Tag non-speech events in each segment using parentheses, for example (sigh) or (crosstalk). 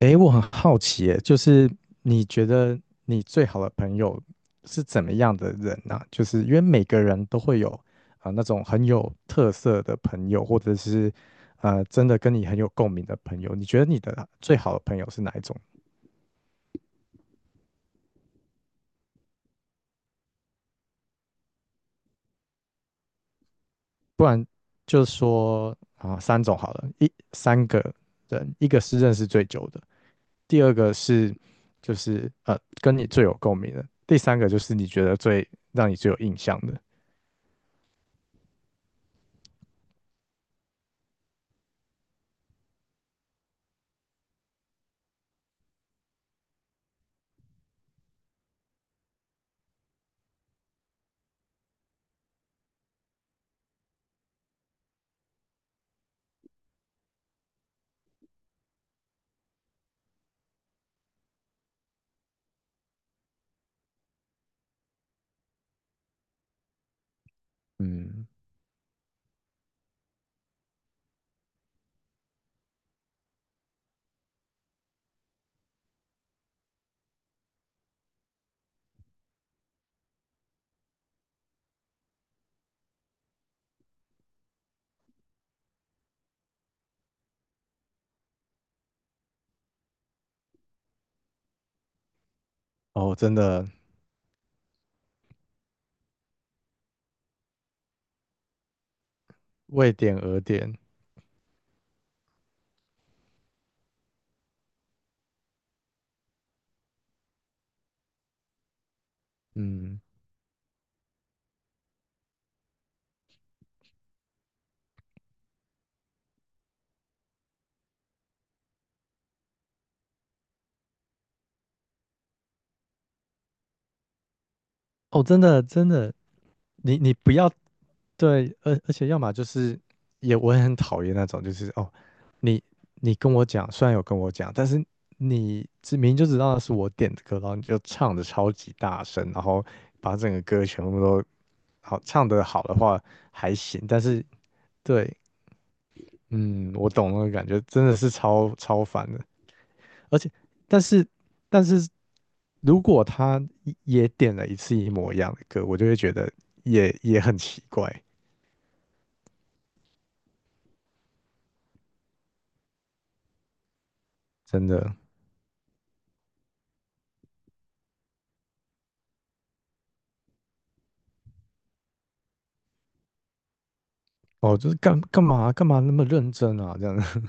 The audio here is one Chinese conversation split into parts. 诶，我很好奇耶，就是你觉得你最好的朋友是怎么样的人呢、就是因为每个人都会有啊、那种很有特色的朋友，或者是真的跟你很有共鸣的朋友。你觉得你的最好的朋友是哪一种？不然就说啊、三种好了，一三个人，一个是认识最久的，第二个是就是跟你最有共鸣的，第三个就是你觉得最让你最有印象的。嗯，哦，真的为点而点，嗯，哦，真的真的，你不要对，而且要么就是我也很讨厌那种，就是哦，你你跟我讲，虽然有跟我讲，但是明明就知道是我点的歌，然后你就唱的超级大声，然后把整个歌全部都好唱的好的话还行，但是对，嗯，我懂那个感觉，真的是超超烦的。而且但是但是如果他也点了一次一模一样的歌，我就会觉得也很奇怪，真的。哦，就是干嘛干嘛那么认真啊？这样子，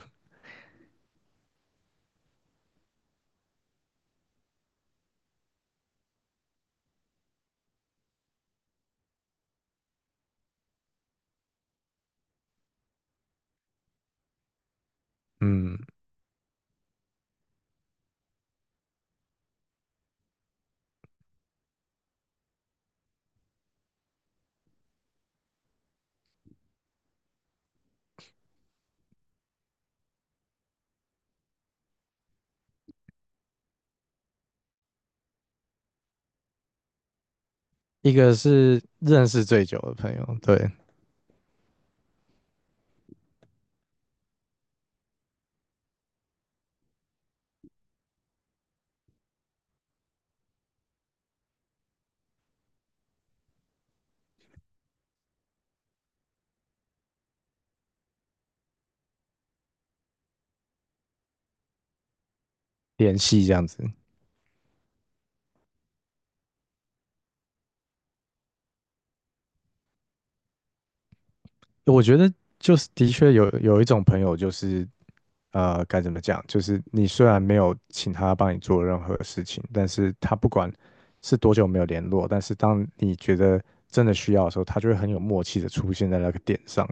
(laughs) 嗯，一个是认识最久的朋友，对，联系这样子。我觉得就是的确有一种朋友，就是，该怎么讲？就是你虽然没有请他帮你做任何事情，但是他不管是多久没有联络，但是当你觉得真的需要的时候，他就会很有默契的出现在那个点上，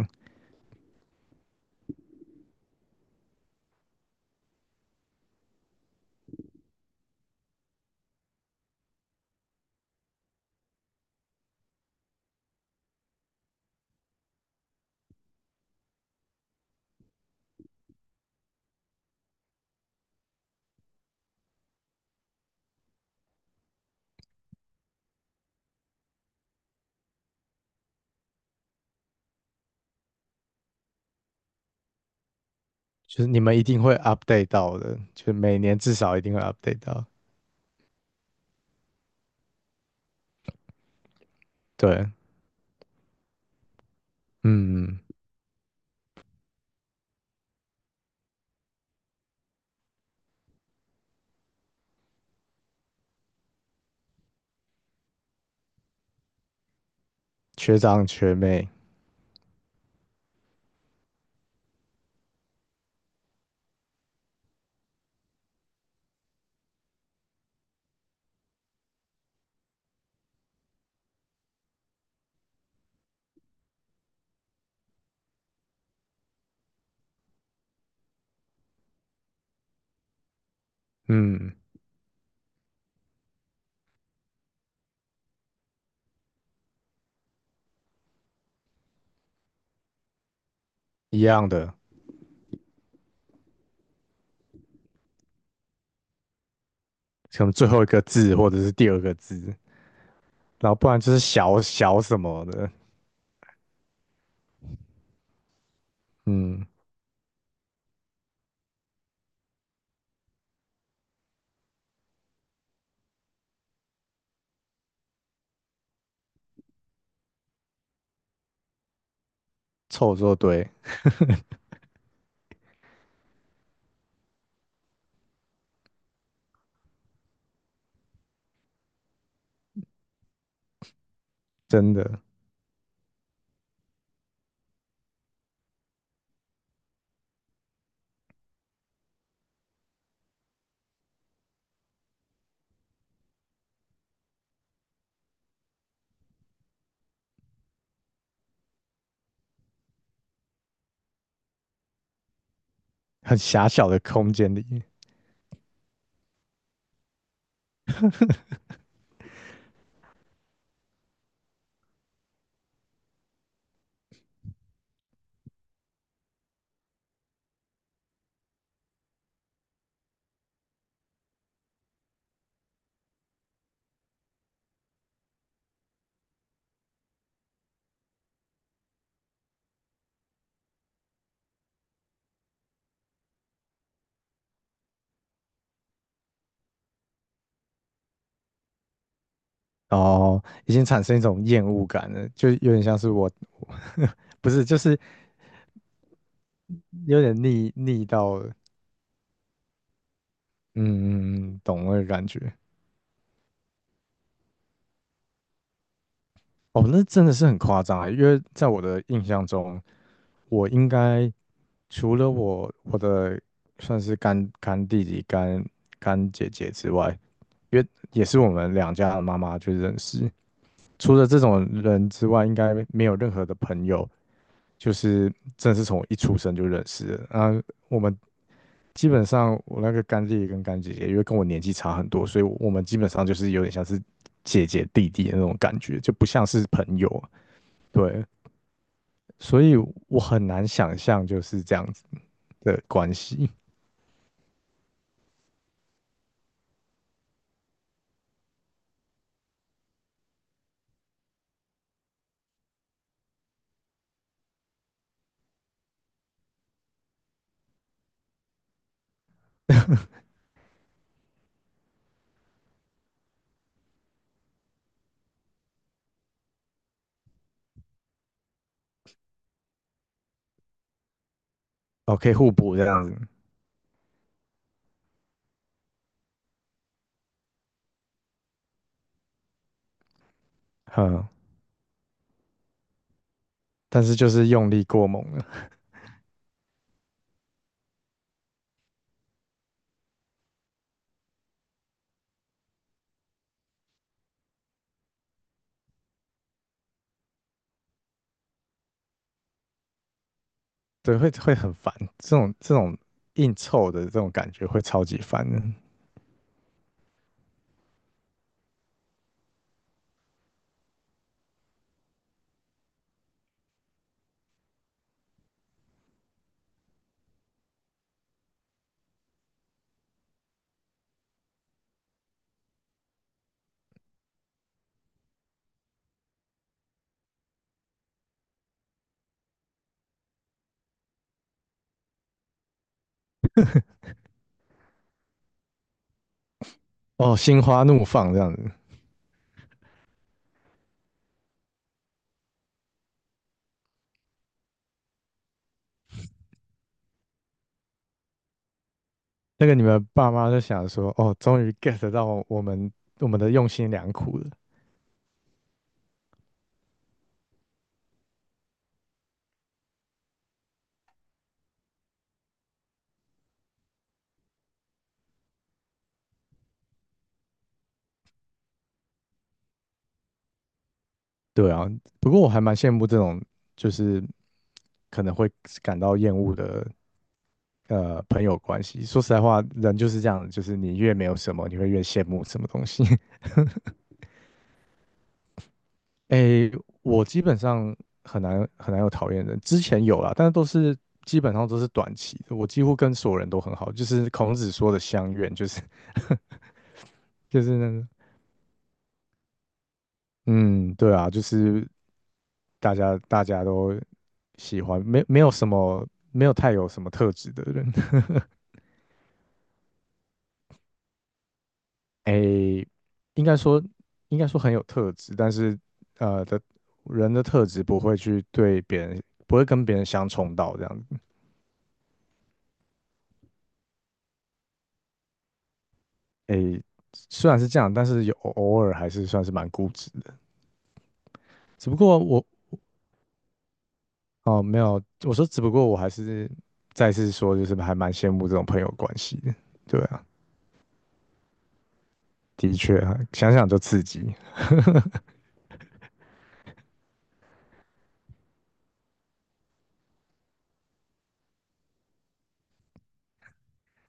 就是你们一定会 update 到的，就是每年至少一定会 update 到。对，嗯，学长学妹，嗯，一样的，可能最后一个字或者是第二个字，然后不然就是小小什么的，嗯，凑作堆，真的很狭小的空间里。哦，已经产生一种厌恶感了，就有点像是我，我 (laughs) 不是，就是有点腻腻到了，嗯，嗯懂那个感觉。哦，那真的是很夸张啊，因为在我的印象中，我应该除了我的算是干干弟弟、干干姐姐之外，因为也是我们两家的妈妈就认识，除了这种人之外，应该没有任何的朋友就是真的是从我一出生就认识的。啊，我们基本上我那个干弟弟跟干姐姐，因为跟我年纪差很多，所以我们基本上就是有点像是姐姐弟弟的那种感觉，就不像是朋友。对，所以我很难想象就是这样子的关系，哦，可以互补这样子，嗯，但是就是用力过猛了，对，会很烦，这种硬凑的这种感觉会超级烦的。哦，心花怒放这样子，那个你们爸妈就想说，哦，终于 get 到我们的用心良苦了。对啊，不过我还蛮羡慕这种，就是可能会感到厌恶的朋友关系。说实在话，人就是这样，就是你越没有什么，你会越羡慕什么东西。(laughs) 诶，我基本上很难有讨厌人，之前有啦，但是都是基本上都是短期的。我几乎跟所有人都很好，就是孔子说的相怨，就是 (laughs) 就是那个嗯，对啊，就是大家都喜欢，没有什么没有太有什么特质的人，(laughs) 诶，应该说应该说很有特质，但是呃的人的特质不会去对别人不会跟别人相冲到这样子，诶，虽然是这样，但是有偶尔还是算是蛮固执的，只不过我哦没有，我说只不过我还是再次说，就是还蛮羡慕这种朋友关系的，对啊，的确啊，想想就刺激。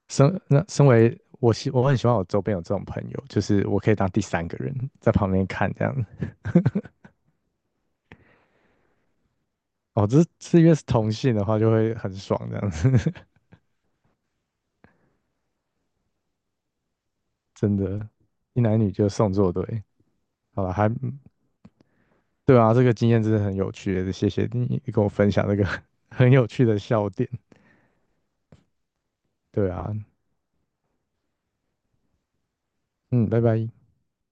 身为我我很喜欢我周边有这种朋友，就是我可以当第三个人在旁边看这样。哦，这越是同性的话，就会很爽这样子，(laughs) 真的，一男一女就送作对。好了，还对啊，这个经验真的很有趣，谢谢你跟我分享这个 (laughs) 很有趣的笑点。对啊，嗯，拜拜。